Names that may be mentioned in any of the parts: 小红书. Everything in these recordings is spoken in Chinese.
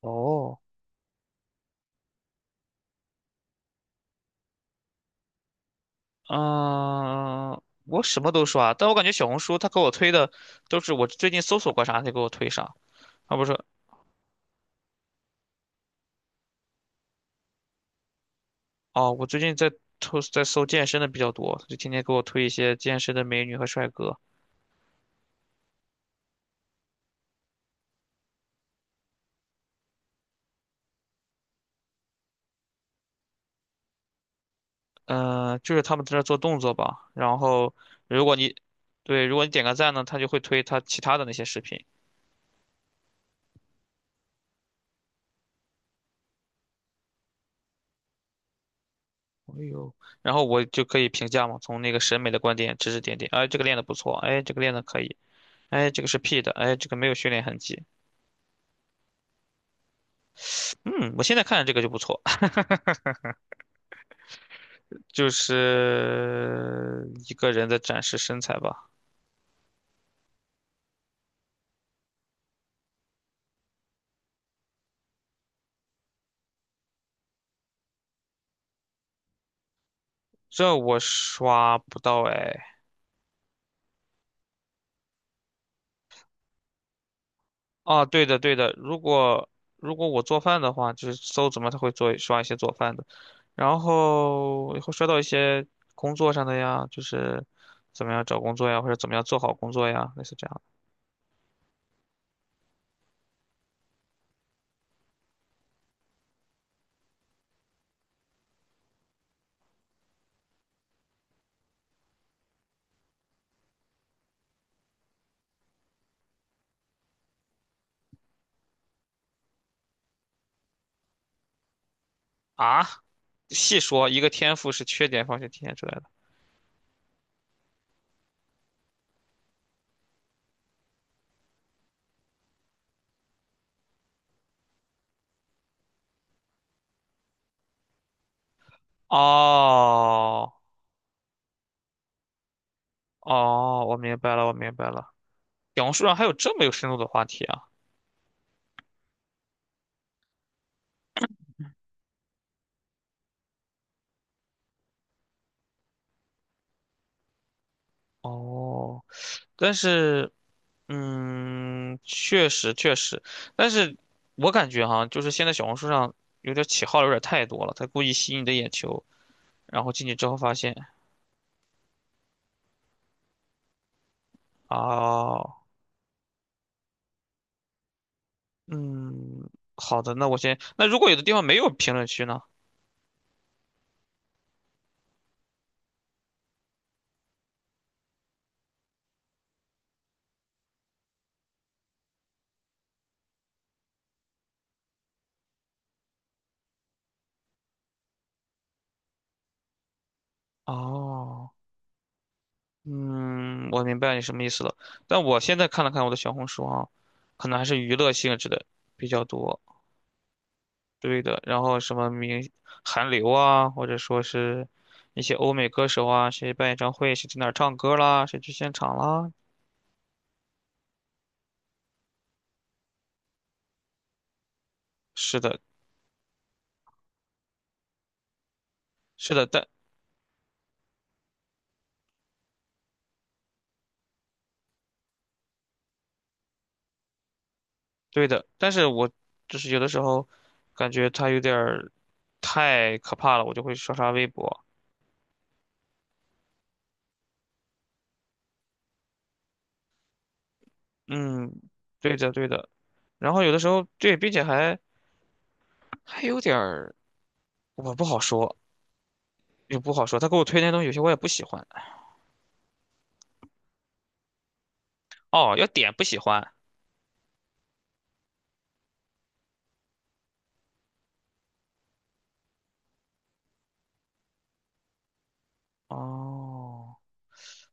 哦，嗯，我什么都刷，但我感觉小红书他给我推的都是我最近搜索过啥，他给我推啥。而不是哦，我最近在搜健身的比较多，就天天给我推一些健身的美女和帅哥。嗯、就是他们在那做动作吧。然后如果你对，如果你点个赞呢，他就会推他其他的那些视频。哎呦，然后我就可以评价嘛，从那个审美的观点指指点点。哎，这个练的不错，哎，这个练的可以，哎，这个是 P 的，哎，这个没有训练痕迹。嗯，我现在看着这个就不错，就是一个人的展示身材吧。这我刷不到哎。啊，对的对的，如果我做饭的话，就是搜怎么他会做刷一些做饭的，然后会刷到一些工作上的呀，就是怎么样找工作呀，或者怎么样做好工作呀，类似这样的。啊，细说一个天赋是缺点方向体现出来的。哦哦，我明白了，我明白了。小红书上还有这么有深度的话题啊！哦，但是，嗯，确实确实，但是我感觉哈，就是现在小红书上有点起号有点太多了，他故意吸引你的眼球，然后进去之后发现，啊，嗯，好的，那我先，那如果有的地方没有评论区呢？哦，嗯，我明白你什么意思了，但我现在看了看我的小红书啊，可能还是娱乐性质的比较多。对的，然后什么明韩流啊，或者说是一些欧美歌手啊，谁办演唱会，谁在哪儿唱歌啦，谁去现场啦。是的，是的，但对的，但是我就是有的时候感觉他有点儿太可怕了，我就会刷刷微博。嗯，对的，对的。然后有的时候对，并且还还有点儿，我不好说，也不好说。他给我推那东西，有些我也不喜欢。哦，要点不喜欢。哦。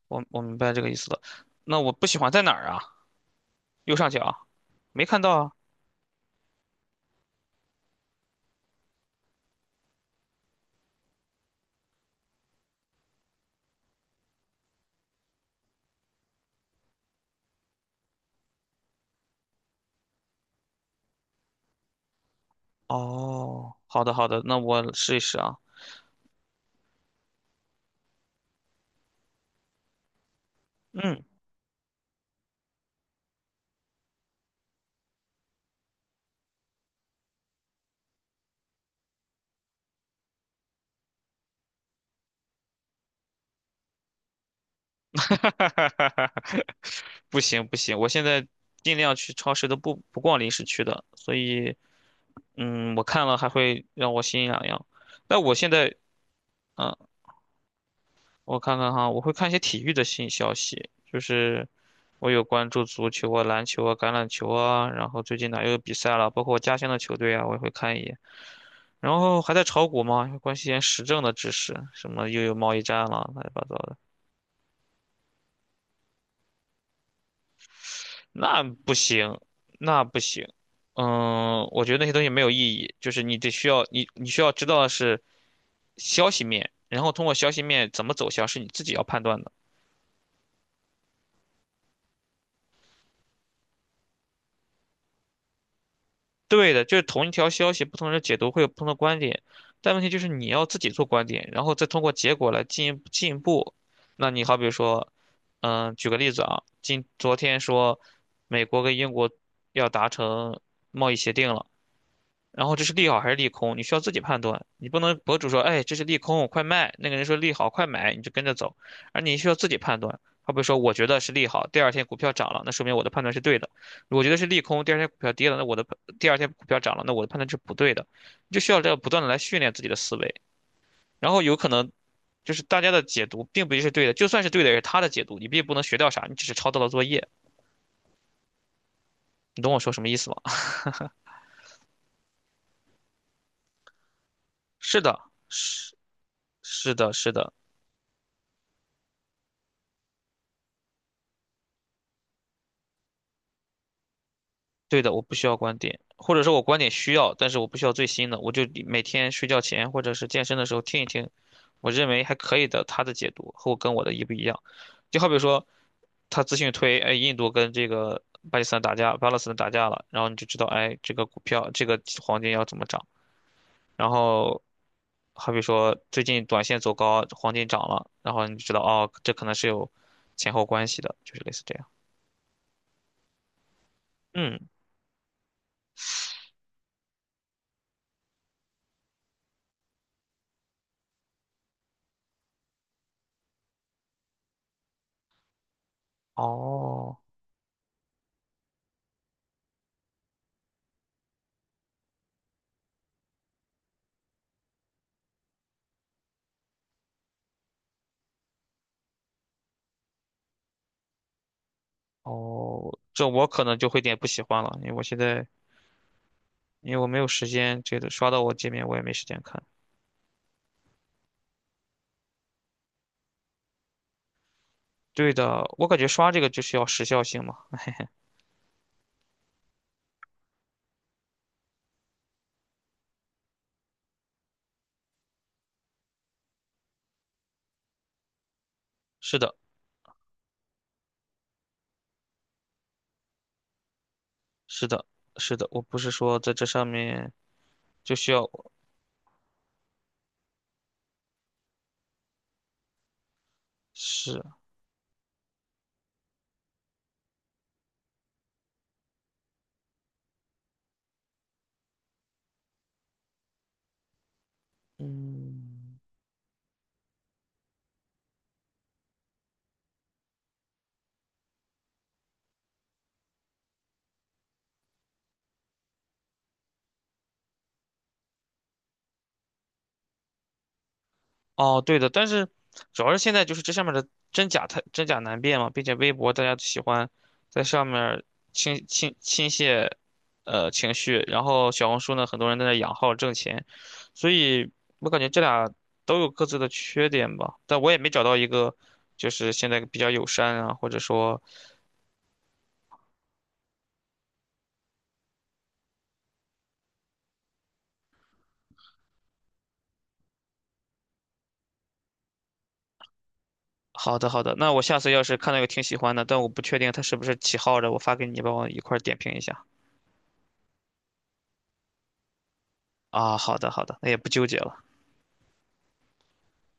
我明白这个意思了。那我不喜欢在哪儿啊？右上角，没看到啊。哦，好的好的，那我试一试啊。嗯，不行不行，我现在尽量去超市都不逛零食区的，所以嗯，我看了还会让我心痒痒。但我现在嗯，我看看哈，我会看一些体育的新消息，就是我有关注足球啊、篮球啊、橄榄球啊，然后最近哪又有比赛了，包括我家乡的球队啊，我也会看一眼。然后还在炒股吗？关心点时政的知识，什么又有贸易战了，乱七八糟的，那不行，那不行。嗯，我觉得那些东西没有意义，就是你得需要你需要知道的是消息面，然后通过消息面怎么走向是你自己要判断的。对的，就是同一条消息，不同人解读会有不同的观点，但问题就是你要自己做观点，然后再通过结果来进一步进一步。那你好比说，嗯，举个例子啊，昨天说美国跟英国要达成贸易协定了。然后这是利好还是利空，你需要自己判断。你不能博主说，哎，这是利空，快卖；那个人说利好，快买，你就跟着走。而你需要自己判断。他比会说，我觉得是利好，第二天股票涨了，那说明我的判断是对的；我觉得是利空，第二天股票跌了，那我的第二天股票涨了，那我的判断是不对的。你就需要这样不断的来训练自己的思维。然后有可能就是大家的解读并不一定是对的，就算是对的，也是他的解读，你并不能学到啥，你只是抄到了作业。你懂我说什么意思吗？是的，是是的，是的。对的，我不需要观点，或者说我观点需要，但是我不需要最新的，我就每天睡觉前或者是健身的时候听一听，我认为还可以的他的解读和我跟我的一不一样。就好比说，他资讯推，哎，印度跟这个巴基斯坦打架，巴勒斯坦打架了，然后你就知道，哎，这个股票这个黄金要怎么涨。然后好比说最近短线走高，黄金涨了，然后你就知道，哦，这可能是有前后关系的，就是类似这样。嗯，哦。哦，这我可能就会有点不喜欢了，因为我现在因为我没有时间，这个刷到我界面我也没时间看。对的，我感觉刷这个就需要时效性嘛。是的，是的，是的，我不是说在这上面就需要是，嗯。哦，对的，但是主要是现在就是这上面的真假太真假难辨嘛，并且微博大家喜欢在上面儿倾泻情绪，然后小红书呢，很多人在那养号挣钱，所以我感觉这俩都有各自的缺点吧，但我也没找到一个就是现在比较友善啊，或者说好的好的，那我下次要是看到有挺喜欢的，但我不确定他是不是起号的，我发给你，帮我一块儿点评一下。啊，好的好的，那也不纠结了。